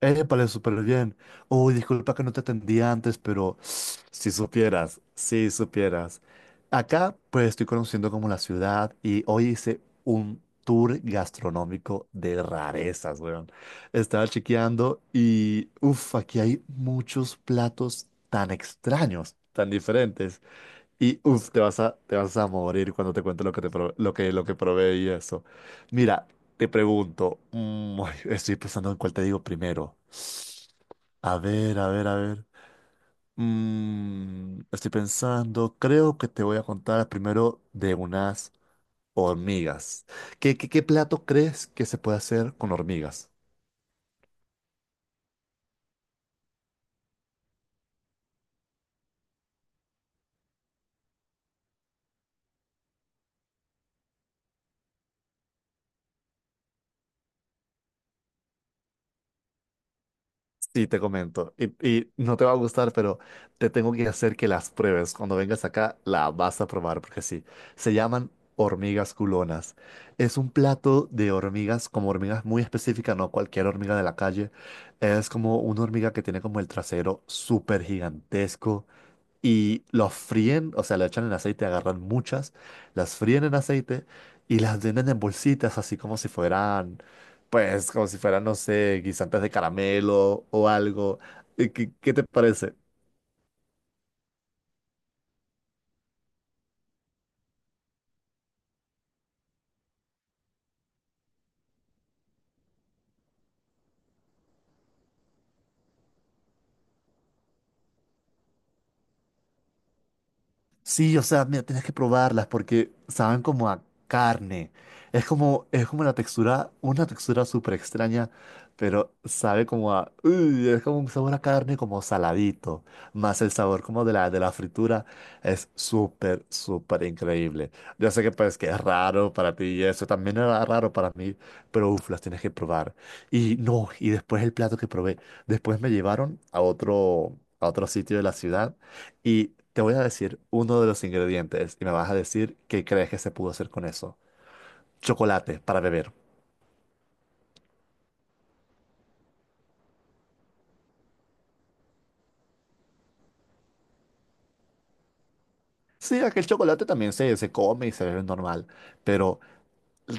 Épale, súper bien. Uy, disculpa que no te atendí antes, pero si supieras. Acá, pues estoy conociendo como la ciudad y hoy hice un tour gastronómico de rarezas, weón. Estaba chequeando y, uff, aquí hay muchos platos tan extraños, tan diferentes. Y, uff, te vas a morir cuando te cuente lo que probé y eso. Mira, te pregunto, ay, estoy pensando en cuál te digo primero. A ver, a ver, a ver. Estoy pensando, creo que te voy a contar primero de unas hormigas. Qué plato crees que se puede hacer con hormigas? Sí, te comento. Y no te va a gustar, pero te tengo que hacer que las pruebes. Cuando vengas acá, la vas a probar, porque sí. Se llaman hormigas culonas. Es un plato de hormigas, como hormigas muy específicas, no cualquier hormiga de la calle. Es como una hormiga que tiene como el trasero súper gigantesco y los fríen, o sea, le echan en aceite, agarran muchas, las fríen en aceite y las venden en bolsitas, así como si fueran, pues, como si fueran, no sé, guisantes de caramelo o algo. ¿Qué te parece? Sí, o sea, mira, tienes que probarlas porque saben como a carne. Es como la textura, una textura súper extraña, pero sabe como a, uy, es como un sabor a carne como saladito, más el sabor como de la fritura. Es súper, súper increíble. Yo sé que pues que es raro para ti y eso también era raro para mí, pero uff, las tienes que probar. Y no, y después el plato que probé, después me llevaron a otro sitio de la ciudad y te voy a decir uno de los ingredientes y me vas a decir qué crees que se pudo hacer con eso. Chocolate para beber. Sí, aquel chocolate también se come y se bebe normal, pero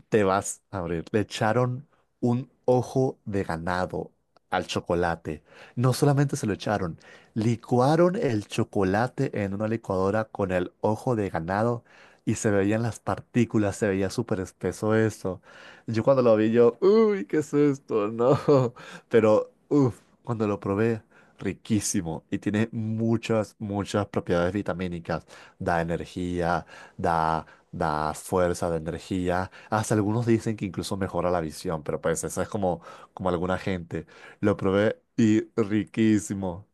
te vas a abrir. Le echaron un ojo de ganado al chocolate. No solamente se lo echaron, licuaron el chocolate en una licuadora con el ojo de ganado y se veían las partículas, se veía súper espeso eso. Yo cuando lo vi, yo, uy, ¿qué es esto? No. Pero, uff, cuando lo probé. Riquísimo y tiene muchas, muchas propiedades vitamínicas. Da energía, da, da fuerza, da energía. Hasta algunos dicen que incluso mejora la visión, pero pues eso es como, como alguna gente. Lo probé y riquísimo.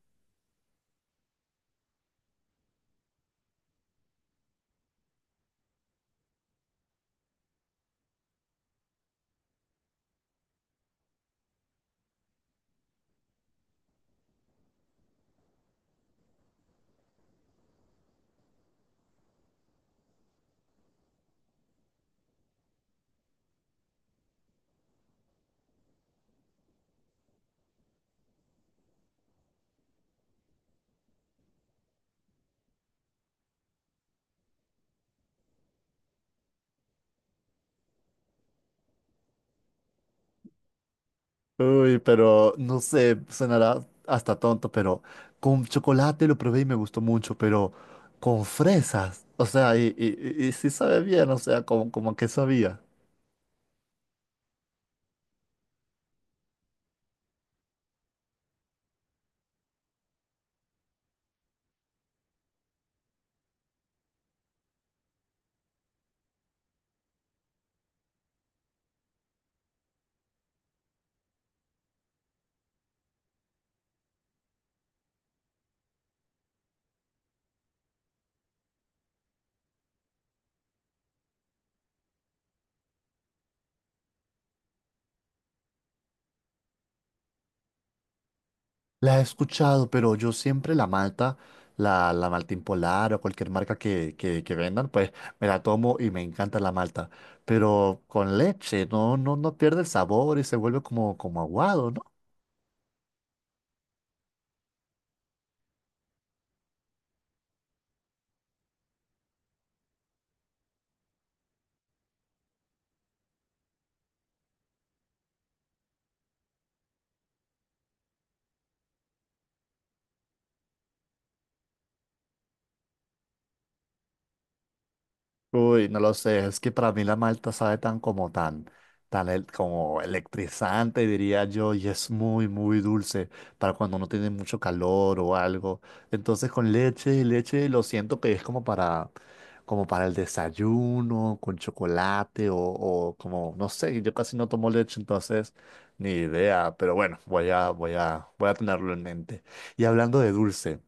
Uy, pero no sé, sonará hasta tonto, pero con chocolate lo probé y me gustó mucho, pero con fresas. O sea, y sí sabe bien, o sea, como, como que sabía. La he escuchado, pero yo siempre la malta, la Maltín Polar o cualquier marca que vendan, pues me la tomo y me encanta la malta. Pero con leche, no pierde el sabor y se vuelve como, como aguado, ¿no? Uy, no lo sé, es que para mí la malta sabe tan como tan, tan el- como electrizante, diría yo, y es muy, muy dulce para cuando no tiene mucho calor o algo. Entonces con leche, leche lo siento que es como para, como para el desayuno, con chocolate o como, no sé, yo casi no tomo leche, entonces ni idea, pero bueno, voy a tenerlo en mente. Y hablando de dulce.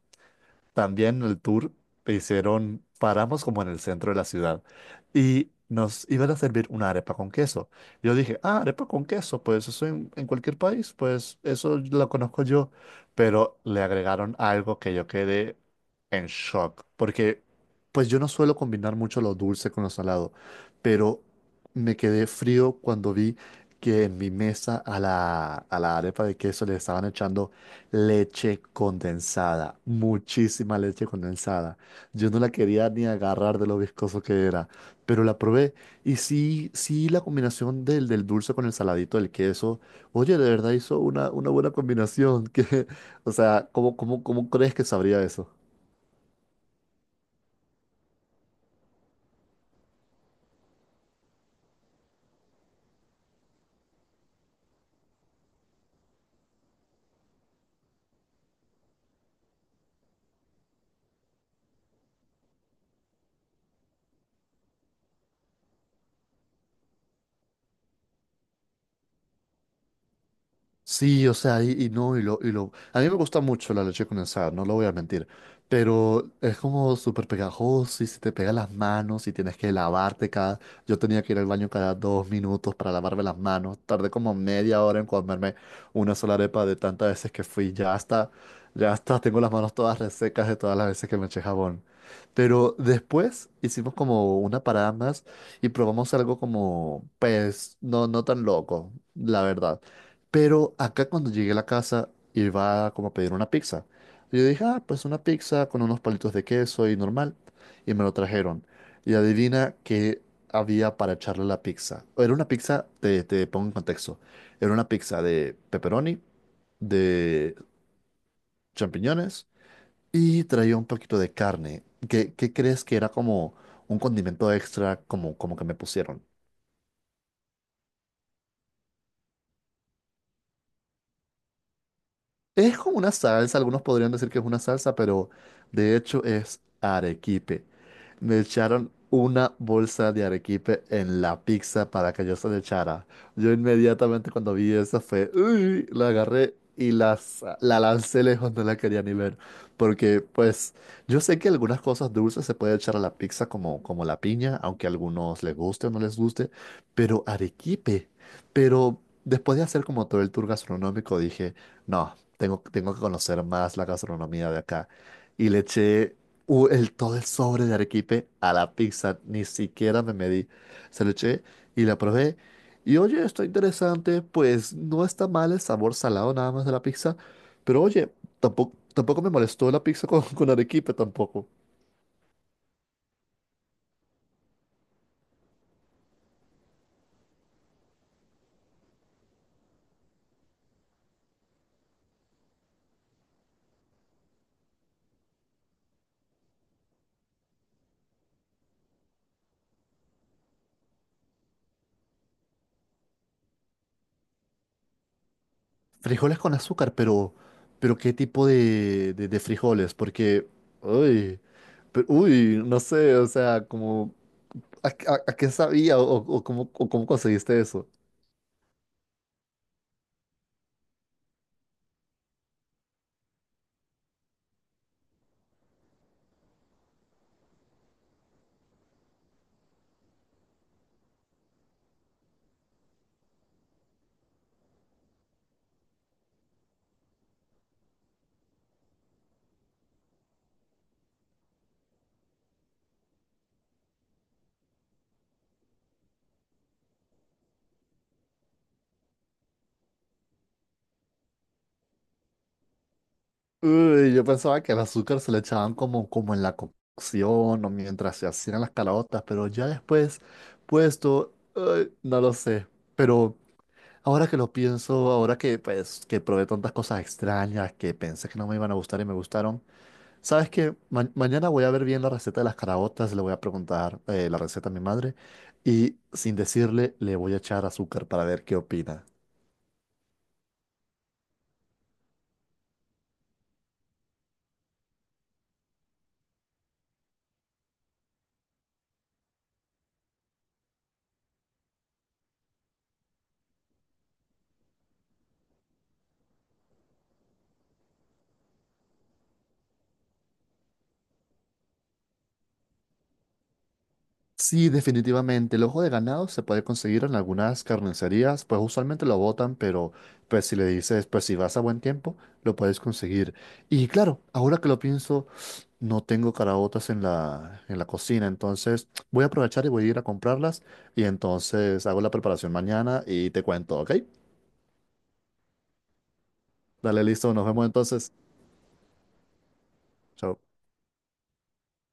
También el tour hicieron, paramos como en el centro de la ciudad y nos iban a servir una arepa con queso. Yo dije, ah, arepa con queso, pues eso en cualquier país, pues eso lo conozco yo. Pero le agregaron algo que yo quedé en shock, porque pues yo no suelo combinar mucho lo dulce con lo salado, pero me quedé frío cuando vi que en mi mesa a a la arepa de queso le estaban echando leche condensada, muchísima leche condensada. Yo no la quería ni agarrar de lo viscoso que era, pero la probé. Y sí, sí, la combinación del dulce con el saladito del queso. Oye, de verdad hizo una buena combinación. Que, o sea, cómo crees que sabría eso? Sí, o sea, y no, y lo. A mí me gusta mucho la leche condensada, no lo voy a mentir, pero es como súper pegajoso y se te pega las manos y tienes que lavarte cada... Yo tenía que ir al baño cada dos minutos para lavarme las manos, tardé como media hora en comerme una sola arepa de tantas veces que fui, ya hasta tengo las manos todas resecas de todas las veces que me eché jabón. Pero después hicimos como una parada más y probamos algo como, pues, no, no tan loco, la verdad. Pero acá cuando llegué a la casa iba como a pedir una pizza. Y yo dije, ah, pues una pizza con unos palitos de queso y normal. Y me lo trajeron. Y adivina qué había para echarle a la pizza. Era una pizza, te pongo en contexto. Era una pizza de pepperoni, de champiñones y traía un poquito de carne. ¿Qué crees que era como un condimento extra como, como que me pusieron? Es como una salsa, algunos podrían decir que es una salsa, pero de hecho es arequipe. Me echaron una bolsa de arequipe en la pizza para que yo se la echara. Yo inmediatamente cuando vi eso fue, uy, la agarré la lancé lejos, no la quería ni ver. Porque pues yo sé que algunas cosas dulces se puede echar a la pizza como, como la piña, aunque a algunos les guste o no les guste, pero arequipe. Pero después de hacer como todo el tour gastronómico dije, no tengo, tengo que conocer más la gastronomía de acá. Y le eché todo el sobre de arequipe a la pizza, ni siquiera me medí. Se lo eché y la probé. Y oye, está interesante, pues no está mal el sabor salado nada más de la pizza, pero oye, tampoco, tampoco me molestó la pizza con arequipe tampoco. Frijoles con azúcar, pero ¿qué tipo de frijoles? Porque, uy, pero- uy, no sé, o sea, como... a qué sabía o cómo conseguiste eso? Uy, yo pensaba que el azúcar se le echaban como, como en la cocción o mientras se hacían las calabotas, pero ya después puesto, ay, no lo sé. Pero ahora que lo pienso, ahora que pues que probé tantas cosas extrañas que pensé que no me iban a gustar y me gustaron, ¿sabes qué? Ma- mañana voy a ver bien la receta de las caraotas, le voy a preguntar la receta a mi madre y sin decirle le voy a echar azúcar para ver qué opina. Sí, definitivamente. El ojo de ganado se puede conseguir en algunas carnicerías, pues usualmente lo botan, pero pues si le dices, pues si vas a buen tiempo, lo puedes conseguir. Y claro, ahora que lo pienso, no tengo caraotas en en la cocina, entonces voy a aprovechar y voy a ir a comprarlas y entonces hago la preparación mañana y te cuento, ¿ok? Dale, listo, nos vemos entonces. Chao.